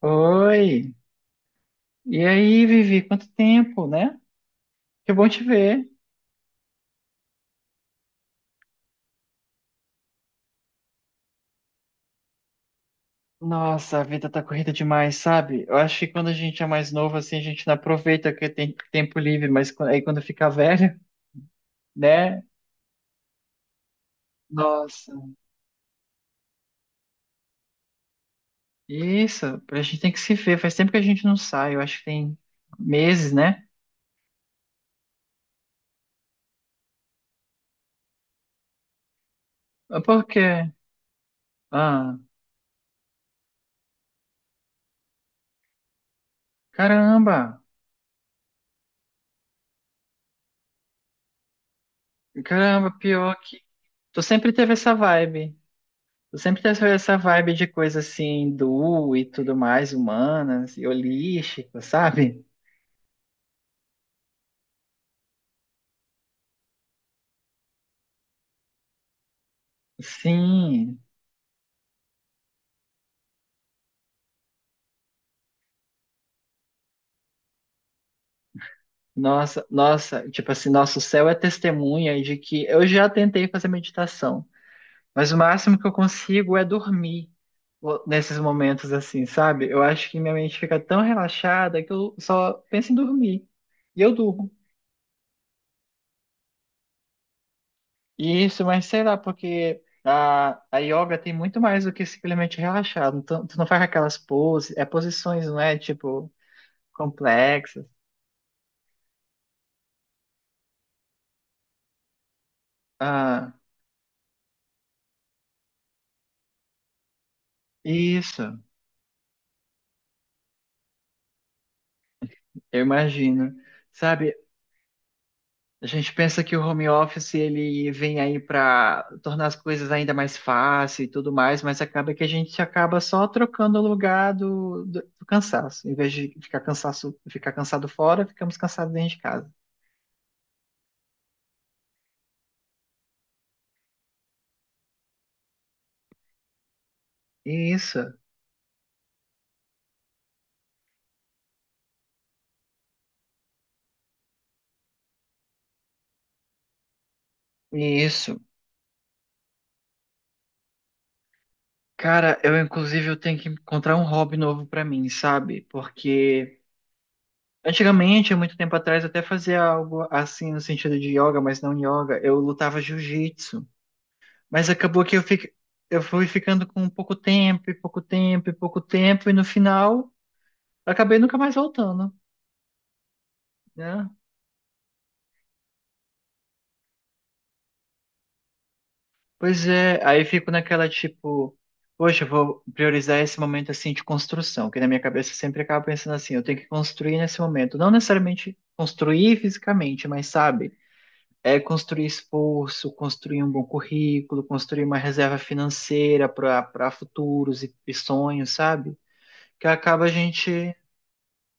Oi! E aí, Vivi? Quanto tempo, né? Que bom te ver. Nossa, a vida tá corrida demais, sabe? Eu acho que quando a gente é mais novo, assim, a gente não aproveita que tem tempo livre, mas quan- aí quando fica velho, né? Nossa, isso, a gente tem que se ver. Faz tempo que a gente não sai, eu acho que tem meses, né? Ah, por quê? Ah, caramba! Caramba, pior que. Tu sempre teve essa vibe. Eu Sempre tenho essa vibe de coisa assim, do e tudo mais, humanas e holística, sabe? Sim, nossa, nossa, tipo assim, nosso céu é testemunha de que eu já tentei fazer meditação, mas o máximo que eu consigo é dormir nesses momentos assim, sabe? Eu acho que minha mente fica tão relaxada que eu só penso em dormir. E eu durmo. Isso, mas sei lá, porque a yoga tem muito mais do que simplesmente relaxar. Não tu não faz aquelas poses, é posições, não é? Tipo, complexas. Ah, isso, eu imagino. Sabe, a gente pensa que o home office ele vem aí para tornar as coisas ainda mais fáceis e tudo mais, mas acaba que a gente acaba só trocando o lugar do cansaço. Em vez de ficar cansaço, ficar cansado fora, ficamos cansados dentro de casa. Isso, isso. Cara, eu inclusive eu tenho que encontrar um hobby novo pra mim, sabe? Porque antigamente, há muito tempo atrás, eu até fazia algo assim no sentido de yoga, mas não yoga. Eu lutava jiu-jitsu, mas acabou que eu fiquei, eu fui ficando com pouco tempo, e pouco tempo, e pouco tempo, e no final acabei nunca mais voltando, né? Pois é, aí eu fico naquela tipo, poxa, eu vou priorizar esse momento assim de construção, que na minha cabeça eu sempre acaba pensando assim, eu tenho que construir nesse momento, não necessariamente construir fisicamente, mas sabe, é construir esforço, construir um bom currículo, construir uma reserva financeira para futuros e sonhos, sabe? Que acaba a gente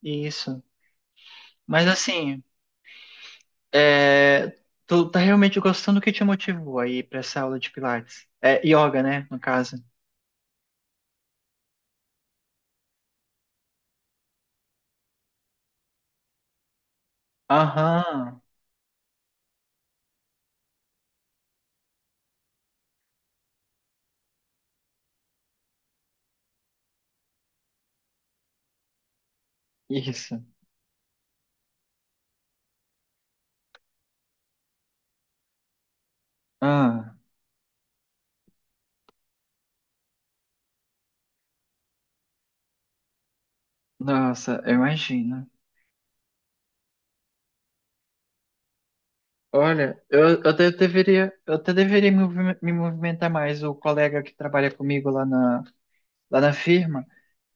isso. Mas assim, é, tu tá realmente gostando do que te motivou aí para essa aula de Pilates? É yoga, né, no caso. Aham. Isso. Ah, nossa, eu imagino. Olha, eu, eu até deveria me movimentar mais. O colega que trabalha comigo lá na firma,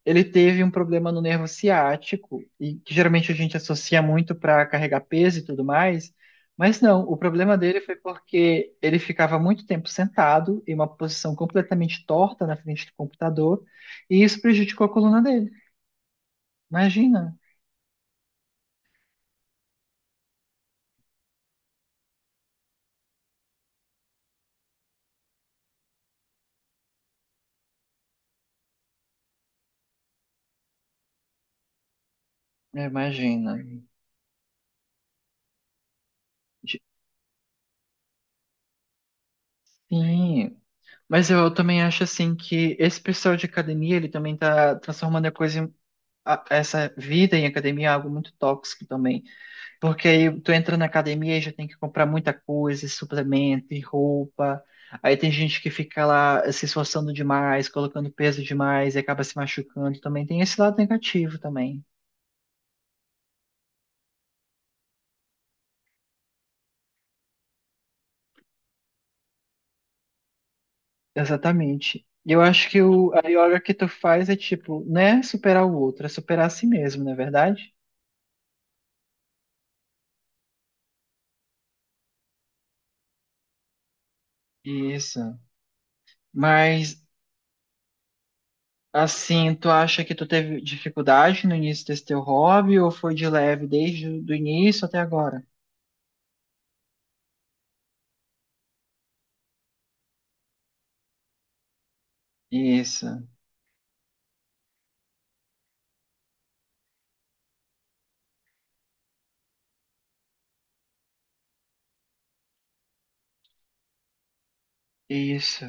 ele teve um problema no nervo ciático, e que geralmente a gente associa muito para carregar peso e tudo mais. Mas não, o problema dele foi porque ele ficava muito tempo sentado em uma posição completamente torta na frente do computador, e isso prejudicou a coluna dele. Imagina, imagina. Sim. Mas eu também acho assim que esse pessoal de academia, ele também tá transformando a coisa em, essa vida em academia em algo muito tóxico também. Porque aí tu entra na academia e já tem que comprar muita coisa, suplemento, e roupa. Aí tem gente que fica lá se esforçando demais, colocando peso demais e acaba se machucando também. Tem esse lado negativo também. Exatamente. Eu acho que o, a yoga que tu faz é tipo, não é superar o outro, é superar a si mesmo, não é verdade? Isso. Mas assim, tu acha que tu teve dificuldade no início desse teu hobby ou foi de leve desde o início até agora? Isso, isso.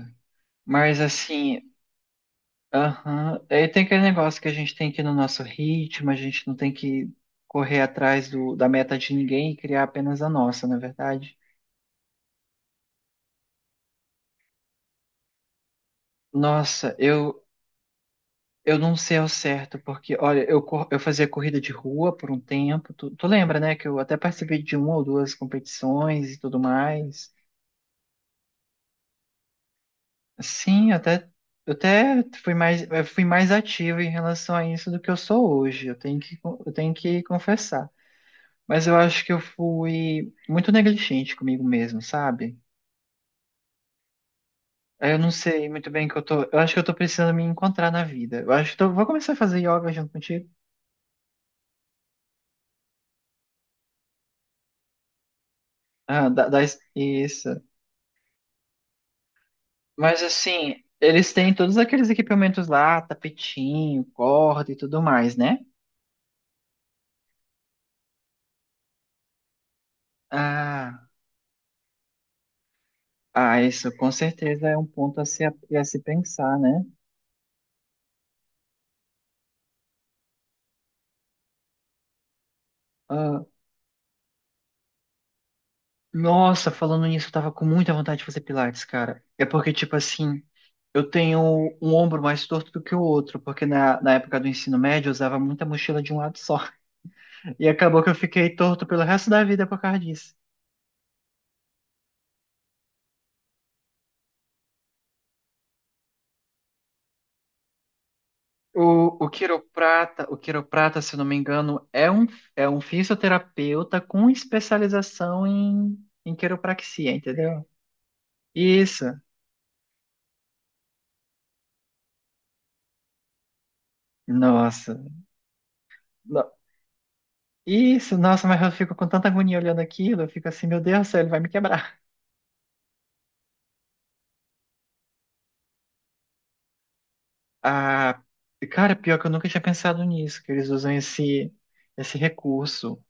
Mas assim, aham, aí tem aquele negócio que a gente tem que ir no nosso ritmo, a gente não tem que correr atrás da meta de ninguém e criar apenas a nossa, não é verdade? Nossa, eu não sei ao certo, porque, olha, eu, eu fazia corrida de rua por um tempo, tu lembra, né, que eu até participei de uma ou duas competições e tudo mais. Sim, eu até fui mais, eu fui mais ativo em relação a isso do que eu sou hoje, eu tenho que confessar. Mas eu acho que eu fui muito negligente comigo mesmo, sabe? Eu não sei muito bem o que eu tô. Eu acho que eu tô precisando me encontrar na vida. Eu acho que eu vou começar a fazer yoga junto contigo. Ah, dá isso. Mas assim, eles têm todos aqueles equipamentos lá, tapetinho, corda e tudo mais, né? Ah, ah, isso com certeza é um ponto a se pensar, né? Ah, nossa, falando nisso, eu tava com muita vontade de fazer pilates, cara. É porque, tipo assim, eu tenho um ombro mais torto do que o outro, porque na época do ensino médio eu usava muita mochila de um lado só. E acabou que eu fiquei torto pelo resto da vida por causa disso. O quiroprata, o quiroprata, se eu não me engano, é um fisioterapeuta com especialização em, em quiropraxia, entendeu? Isso. Nossa. Isso, nossa, mas eu fico com tanta agonia olhando aquilo, eu fico assim, meu Deus do céu, ele vai me quebrar. Ah, cara, pior que eu nunca tinha pensado nisso, que eles usam esse, esse recurso.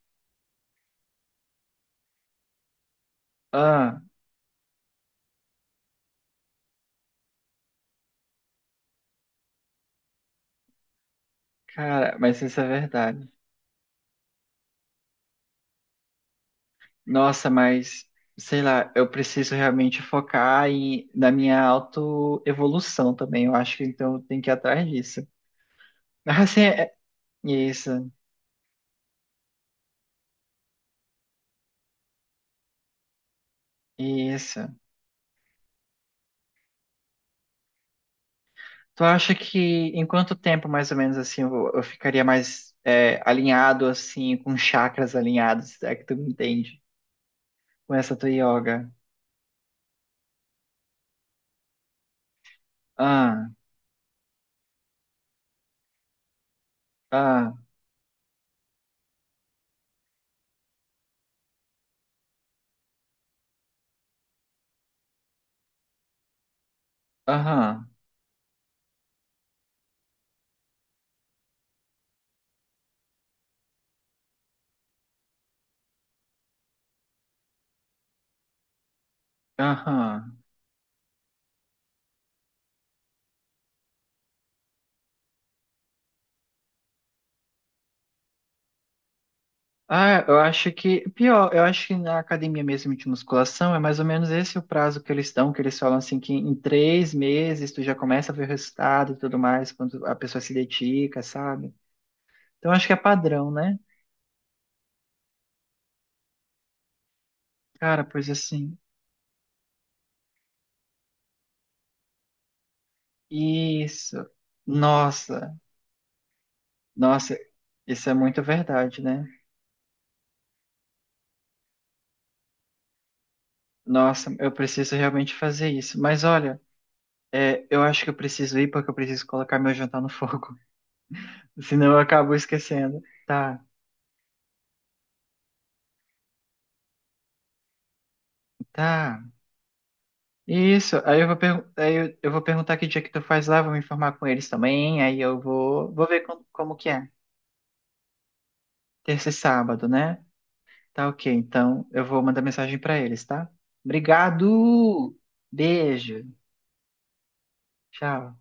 Ah, cara, mas isso é verdade. Nossa, mas sei lá, eu preciso realmente focar em, na minha autoevolução também, eu acho que então eu tenho que ir atrás disso. Ah, sim, isso, isso. Tu acha que em quanto tempo, mais ou menos, assim, eu ficaria mais é, alinhado, assim, com chakras alinhados, se é que tu me entende, com essa tua yoga? Ah, ah, aham, aham. Ah, eu acho que, pior, eu acho que na academia mesmo de musculação é mais ou menos esse o prazo que eles dão, que eles falam assim que em 3 meses tu já começa a ver o resultado e tudo mais, quando a pessoa se dedica, sabe? Então acho que é padrão, né? Cara, pois assim, isso. Nossa, nossa, isso é muito verdade, né? Nossa, eu preciso realmente fazer isso. Mas olha, é, eu acho que eu preciso ir porque eu preciso colocar meu jantar no fogo. Senão eu acabo esquecendo. Tá, tá. Isso. Aí eu vou, aí eu vou perguntar que dia que tu faz lá, vou me informar com eles também. Aí eu vou, vou ver como, como que é. Terça e sábado, né? Tá ok. Então eu vou mandar mensagem pra eles, tá? Obrigado! Beijo. Tchau.